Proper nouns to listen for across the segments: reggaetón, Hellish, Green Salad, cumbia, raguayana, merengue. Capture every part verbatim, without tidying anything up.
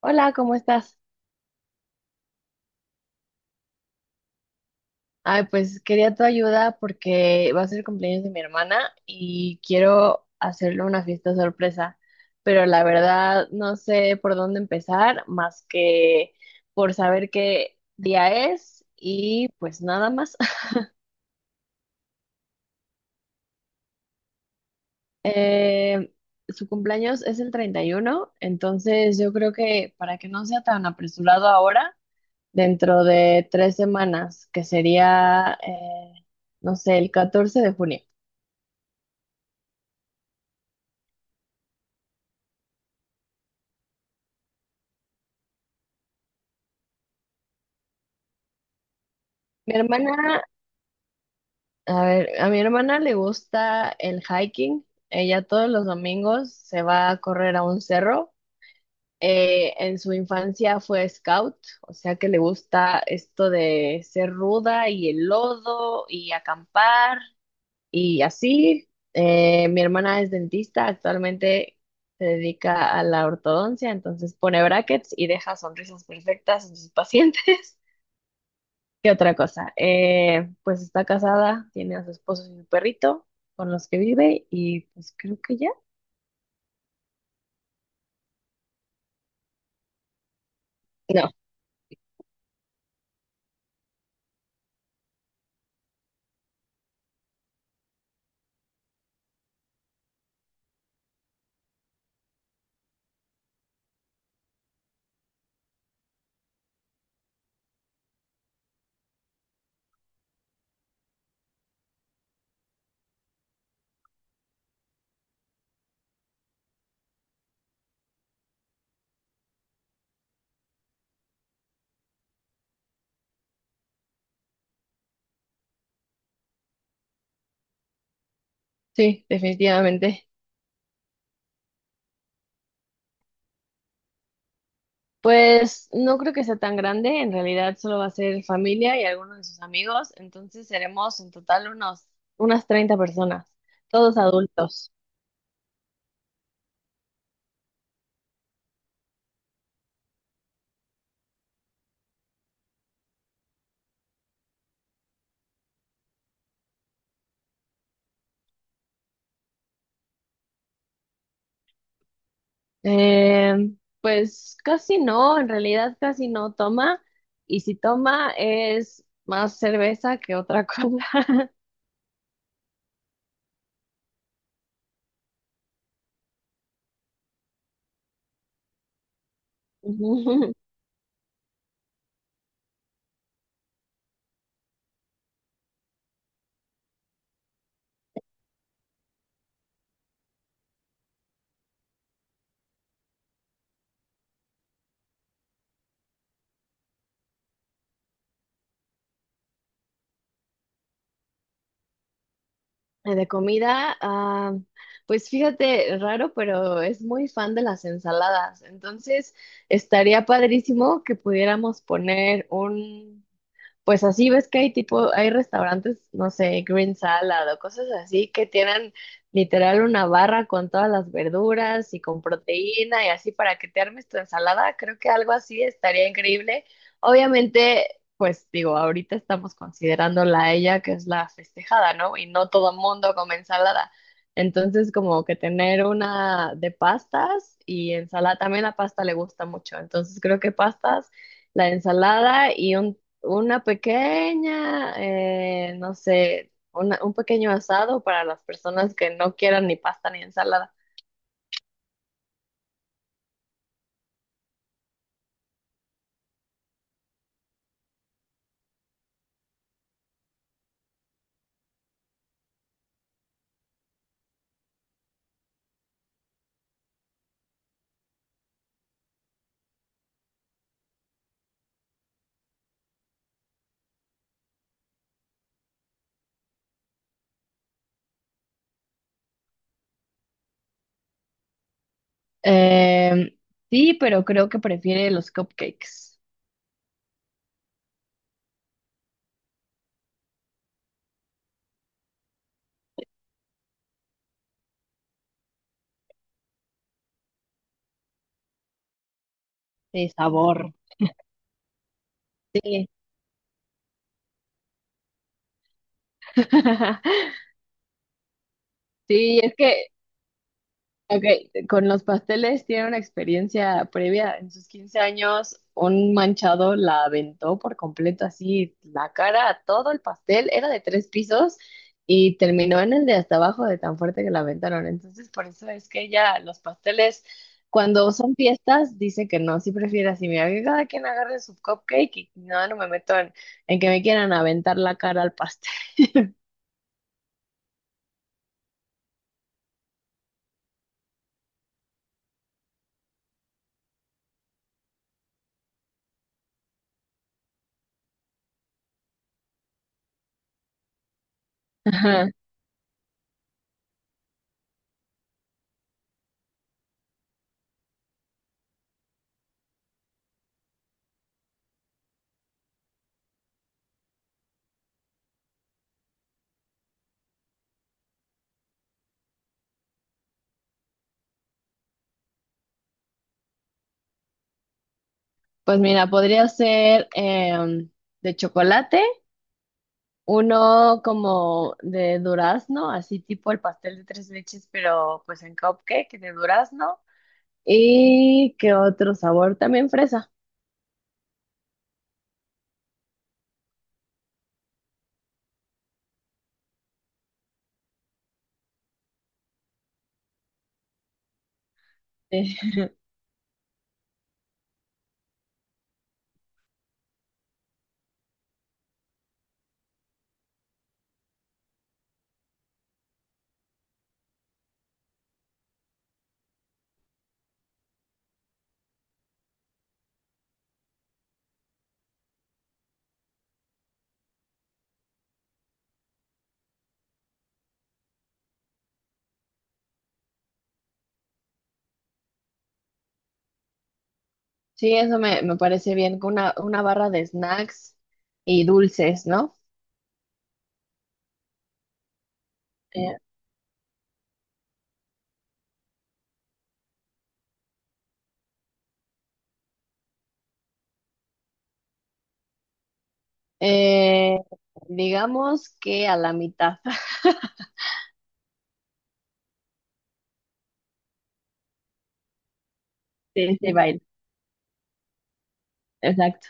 Hola, ¿cómo estás? Ay, pues quería tu ayuda porque va a ser el cumpleaños de mi hermana y quiero hacerle una fiesta sorpresa, pero la verdad no sé por dónde empezar más que por saber qué día es y pues nada más. Eh, Su cumpleaños es el treinta y uno, entonces yo creo que para que no sea tan apresurado ahora, dentro de tres semanas, que sería, eh, no sé, el catorce de junio. Mi hermana, a ver, a mi hermana le gusta el hiking. Ella todos los domingos se va a correr a un cerro. Eh, en su infancia fue scout, o sea que le gusta esto de ser ruda y el lodo y acampar y así. Eh, mi hermana es dentista, actualmente se dedica a la ortodoncia, entonces pone brackets y deja sonrisas perfectas en sus pacientes. ¿Qué otra cosa? Eh, pues está casada, tiene a su esposo y su perrito con los que vive y pues creo que ya. No, sí, definitivamente. Pues no creo que sea tan grande, en realidad solo va a ser familia y algunos de sus amigos, entonces seremos en total unos, unas treinta personas, todos adultos. Eh, pues casi no, en realidad casi no toma y si toma es más cerveza que otra cosa. Eh, De comida, ah, pues fíjate, raro, pero es muy fan de las ensaladas. Entonces, estaría padrísimo que pudiéramos poner un, pues así ves que hay tipo, hay restaurantes, no sé, Green Salad o cosas así que tienen literal una barra con todas las verduras y con proteína y así para que te armes tu ensalada. Creo que algo así estaría increíble. Obviamente, pues digo, ahorita estamos considerando la ella que es la festejada, ¿no? Y no todo mundo come ensalada. Entonces, como que tener una de pastas y ensalada, también la pasta le gusta mucho. Entonces, creo que pastas la ensalada y un una pequeña, eh, no sé, una- un pequeño asado para las personas que no quieran ni pasta ni ensalada. Em, sí, pero creo que prefiere los cupcakes. Sí, sabor. Sí. Sí, es que Ok, con los pasteles tiene una experiencia previa. En sus quince años, un manchado la aventó por completo así, la cara a todo el pastel. Era de tres pisos y terminó en el de hasta abajo de tan fuerte que la aventaron. Entonces, por eso es que ella, los pasteles, cuando son fiestas, dice que no, sí prefiere así. Mira, que cada quien agarre su cupcake y no, no me meto en, en que me quieran aventar la cara al pastel. Ajá. Pues mira, podría ser em, de chocolate. Uno como de durazno, así tipo el pastel de tres leches, pero pues en cupcake de durazno. ¿Y qué otro sabor? También fresa. Eh, Sí, eso me, me parece bien, con una, una barra de snacks y dulces, ¿no? Eh, eh, digamos que a la mitad de este baile. Exacto.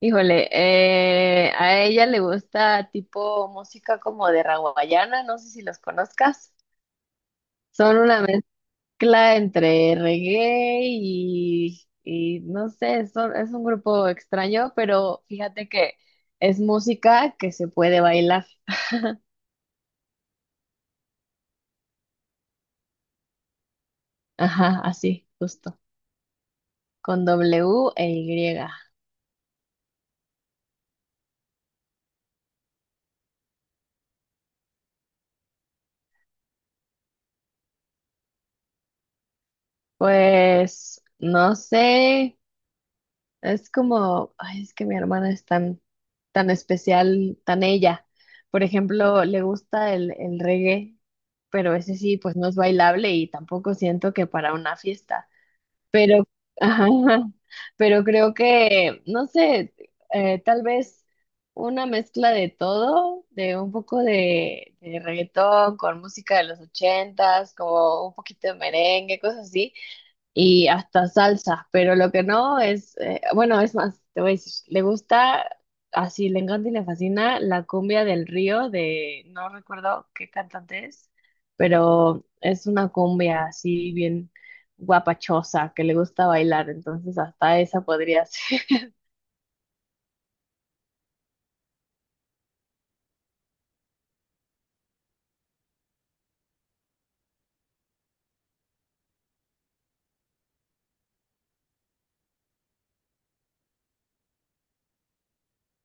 Híjole, eh, a ella le gusta tipo música como de raguayana, no sé si los conozcas. Son una mezcla entre reggae y, y no sé, es, un- es un grupo extraño, pero fíjate que es música que se puede bailar. Ajá, así, justo, con W e Y. Pues no sé, es como, ay, es que mi hermana es tan, tan especial, tan ella. Por ejemplo, le gusta el, el reggae, pero ese sí, pues no es bailable y tampoco siento que para una fiesta. Pero, ajá, pero creo que, no sé, eh, tal vez una mezcla de todo, de un poco de, de reggaetón con música de los ochentas, como un poquito de merengue, cosas así y hasta salsas, pero lo que no es, eh, bueno, es más, te voy a decir, le gusta, así le encanta y le fascina la cumbia del río de, no recuerdo qué cantante es, pero es una cumbia así bien guapachosa que le gusta bailar, entonces hasta esa podría ser.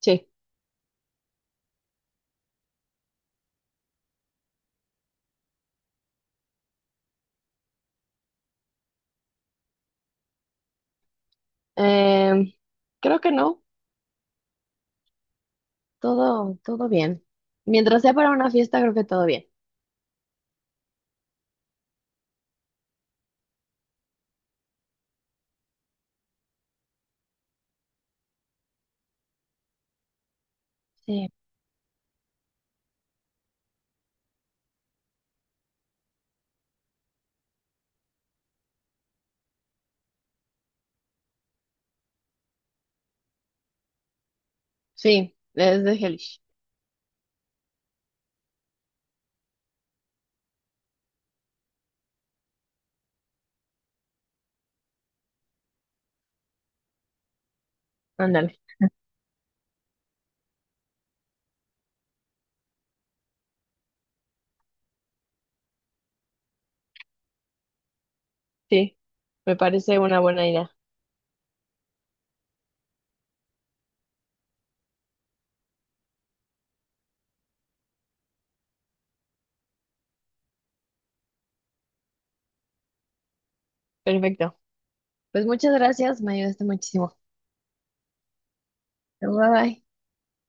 Sí, em, creo que no, todo, todo bien. Mientras sea para una fiesta, creo que todo bien. Sí, sí, es de Hellish. Ándale, sí, me parece una buena idea. Perfecto. Pues muchas gracias, me ayudaste muchísimo. Bye bye.